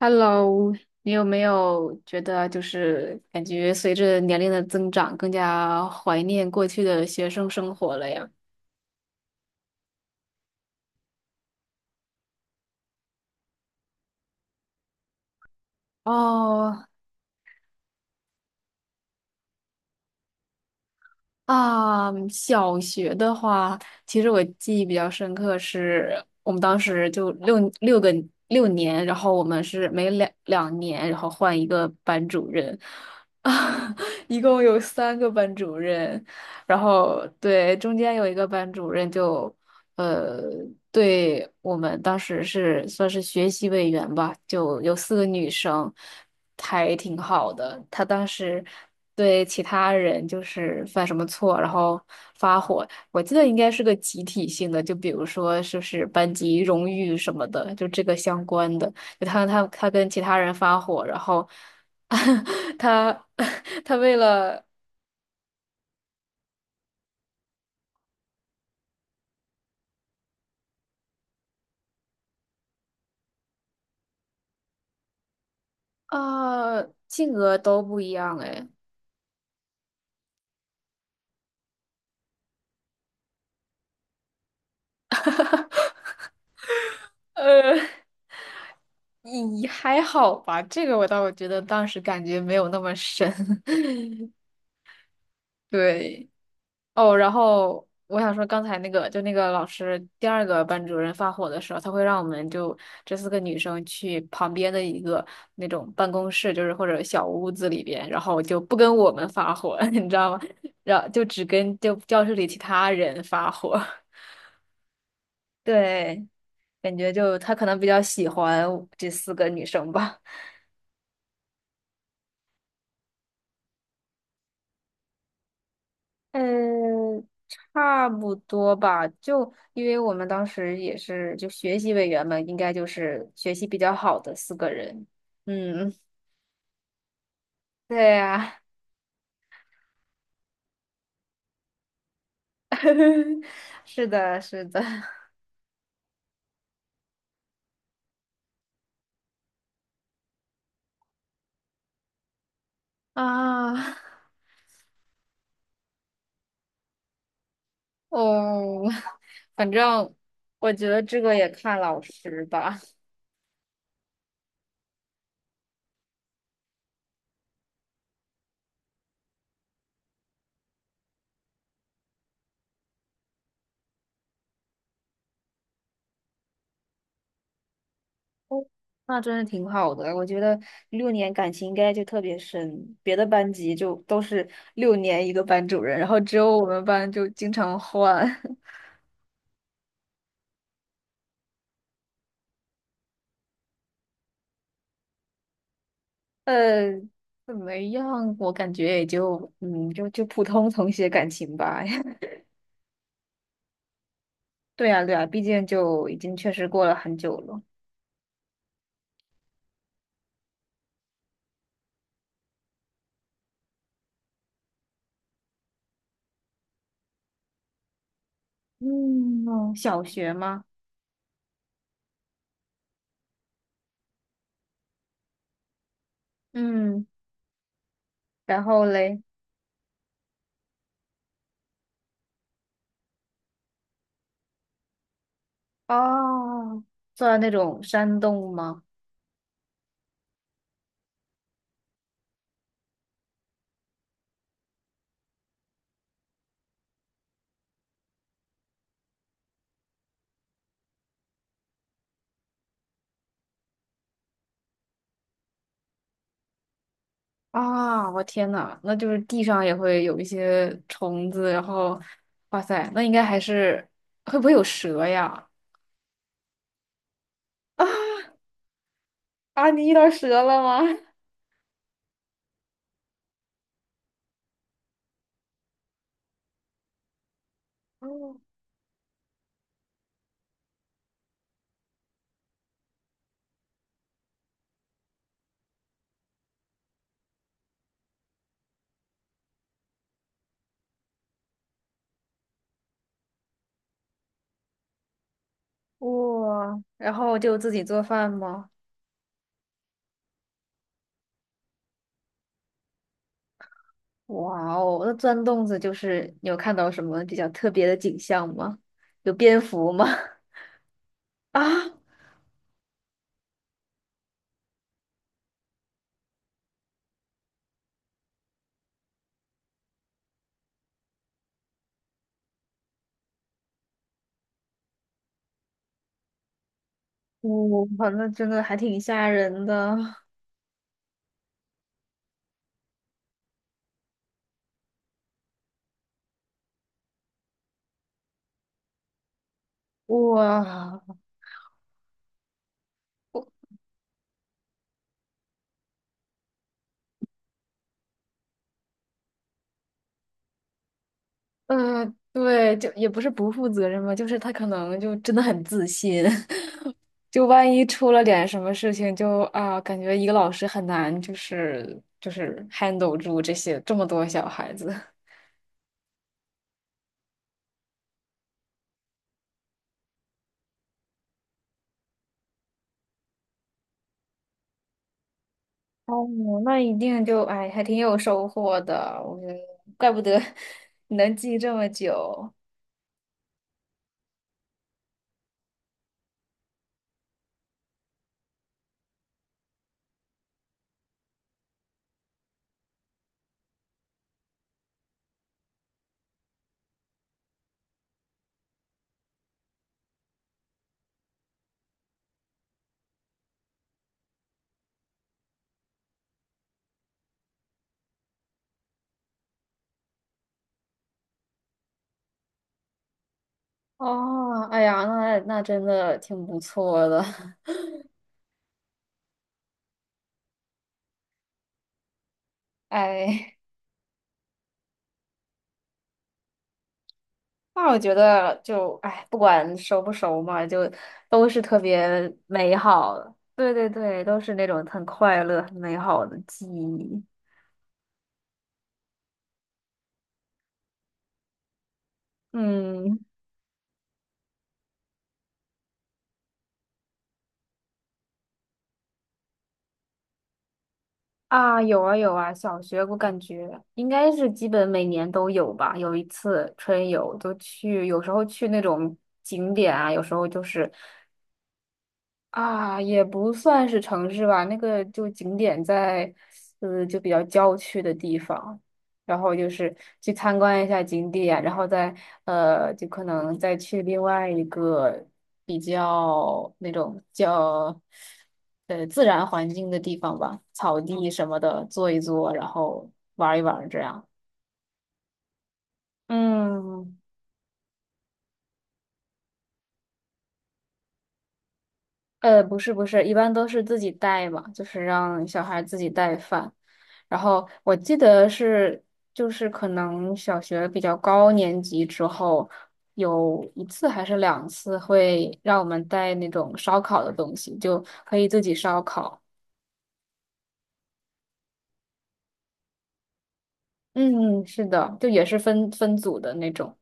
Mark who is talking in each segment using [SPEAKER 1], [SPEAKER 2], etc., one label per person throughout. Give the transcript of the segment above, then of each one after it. [SPEAKER 1] Hello，你有没有觉得就是感觉随着年龄的增长，更加怀念过去的学生生活了呀？哦。啊，小学的话，其实我记忆比较深刻是，我们当时就六年，然后我们是每两年，然后换一个班主任，啊，一共有三个班主任，然后对，中间有一个班主任就，呃，对我们当时是算是学习委员吧，就有四个女生，还挺好的。她当时对其他人就是犯什么错，然后发火，我记得应该是个集体性的，就比如说是不是班级荣誉什么的，就这个相关的。他跟其他人发火，然后 他 他为了啊，性格都不一样哎。呃，也还好吧，这个我倒觉得当时感觉没有那么深，对。哦，然后我想说，刚才那个就那个老师第二个班主任发火的时候，他会让我们就这四个女生去旁边的一个那种办公室，就是或者小屋子里边，然后就不跟我们发火，你知道吗？然后就只跟就教室里其他人发火。对，感觉就他可能比较喜欢这四个女生吧。嗯，差不多吧。就因为我们当时也是就学习委员们，应该就是学习比较好的四个人。嗯，对呀，是的，是的。啊，哦，反正我觉得这个也看老师吧。哦，那真是挺好的，我觉得六年感情应该就特别深，别的班级就都是六年一个班主任，然后只有我们班就经常换。呃，怎么样？我感觉也就，嗯，就普通同学感情吧。对呀，对呀，毕竟就已经确实过了很久了。嗯，哦小学吗？嗯，然后嘞，哦，坐在那种山洞吗？啊，我天呐，那就是地上也会有一些虫子，然后，哇塞，那应该还是会不会有蛇呀？啊，你遇到蛇了吗？哦，哇，然后就自己做饭吗？哇哦，那钻洞子就是你有看到什么比较特别的景象吗？有蝙蝠吗？啊，我好像真的还挺吓人的。哇，嗯，对，就也不是不负责任吧，就是他可能就真的很自信，就万一出了点什么事情就，啊，感觉一个老师很难，就是 handle 住这些这么多小孩子。哦，那一定就，哎，还挺有收获的，我觉得，怪不得 你能记这么久。哦，哎呀，那真的挺不错的，哎，那我觉得就，哎，不管熟不熟嘛，就都是特别美好的，对对对，都是那种很快乐、很美好的记忆。嗯。啊，有啊有啊，小学我感觉应该是基本每年都有吧，有一次春游就去，有时候去那种景点啊，有时候就是。啊，也不算是城市吧，那个就景点在，就比较郊区的地方，然后就是去参观一下景点，然后再就可能再去另外一个比较那种叫自然环境的地方吧，草地什么的坐一坐，然后玩一玩这样。嗯，不是不是，一般都是自己带嘛，就是让小孩自己带饭。然后我记得是，就是可能小学比较高年级之后，有一次还是两次会让我们带那种烧烤的东西，就可以自己烧烤。嗯，嗯是的，就也是分组的那种。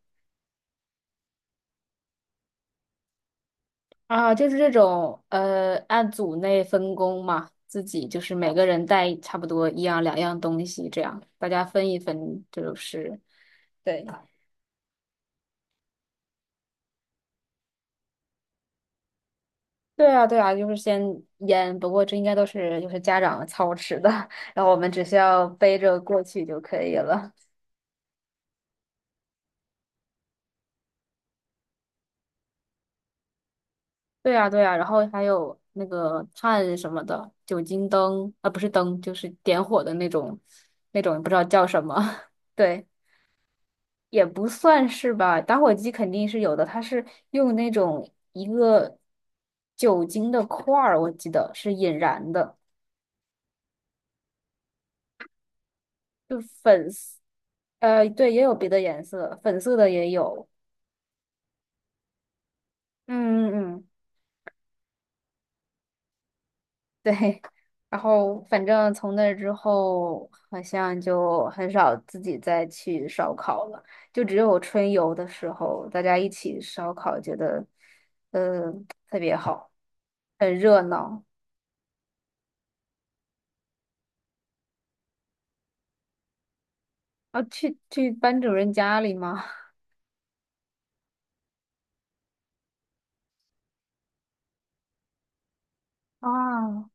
[SPEAKER 1] 啊，就是这种按组内分工嘛，自己就是每个人带差不多一样两样东西，这样大家分一分，就是对。对啊，对啊，就是先腌，不过这应该都是就是家长操持的，然后我们只需要背着过去就可以了。对啊，对啊，然后还有那个炭什么的，酒精灯啊，不是灯，就是点火的那种，那种不知道叫什么，对，也不算是吧，打火机肯定是有的，它是用那种一个酒精的块儿，我记得是引燃的，对，也有别的颜色，粉色的也有，嗯嗯嗯。对，然后反正从那之后，好像就很少自己再去烧烤了，就只有春游的时候，大家一起烧烤，觉得呃特别好，很热闹。啊，去班主任家里吗？啊，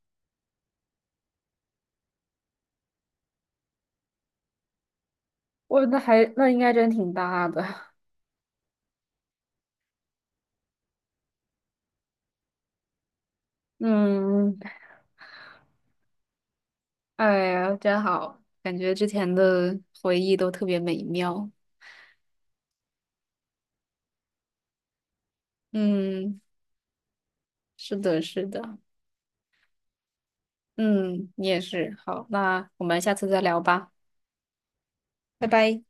[SPEAKER 1] 我那还那应该真挺大的。嗯，哎呀，真好，感觉之前的回忆都特别美妙。嗯，是的，是的。嗯，你也是。好，那我们下次再聊吧，拜拜。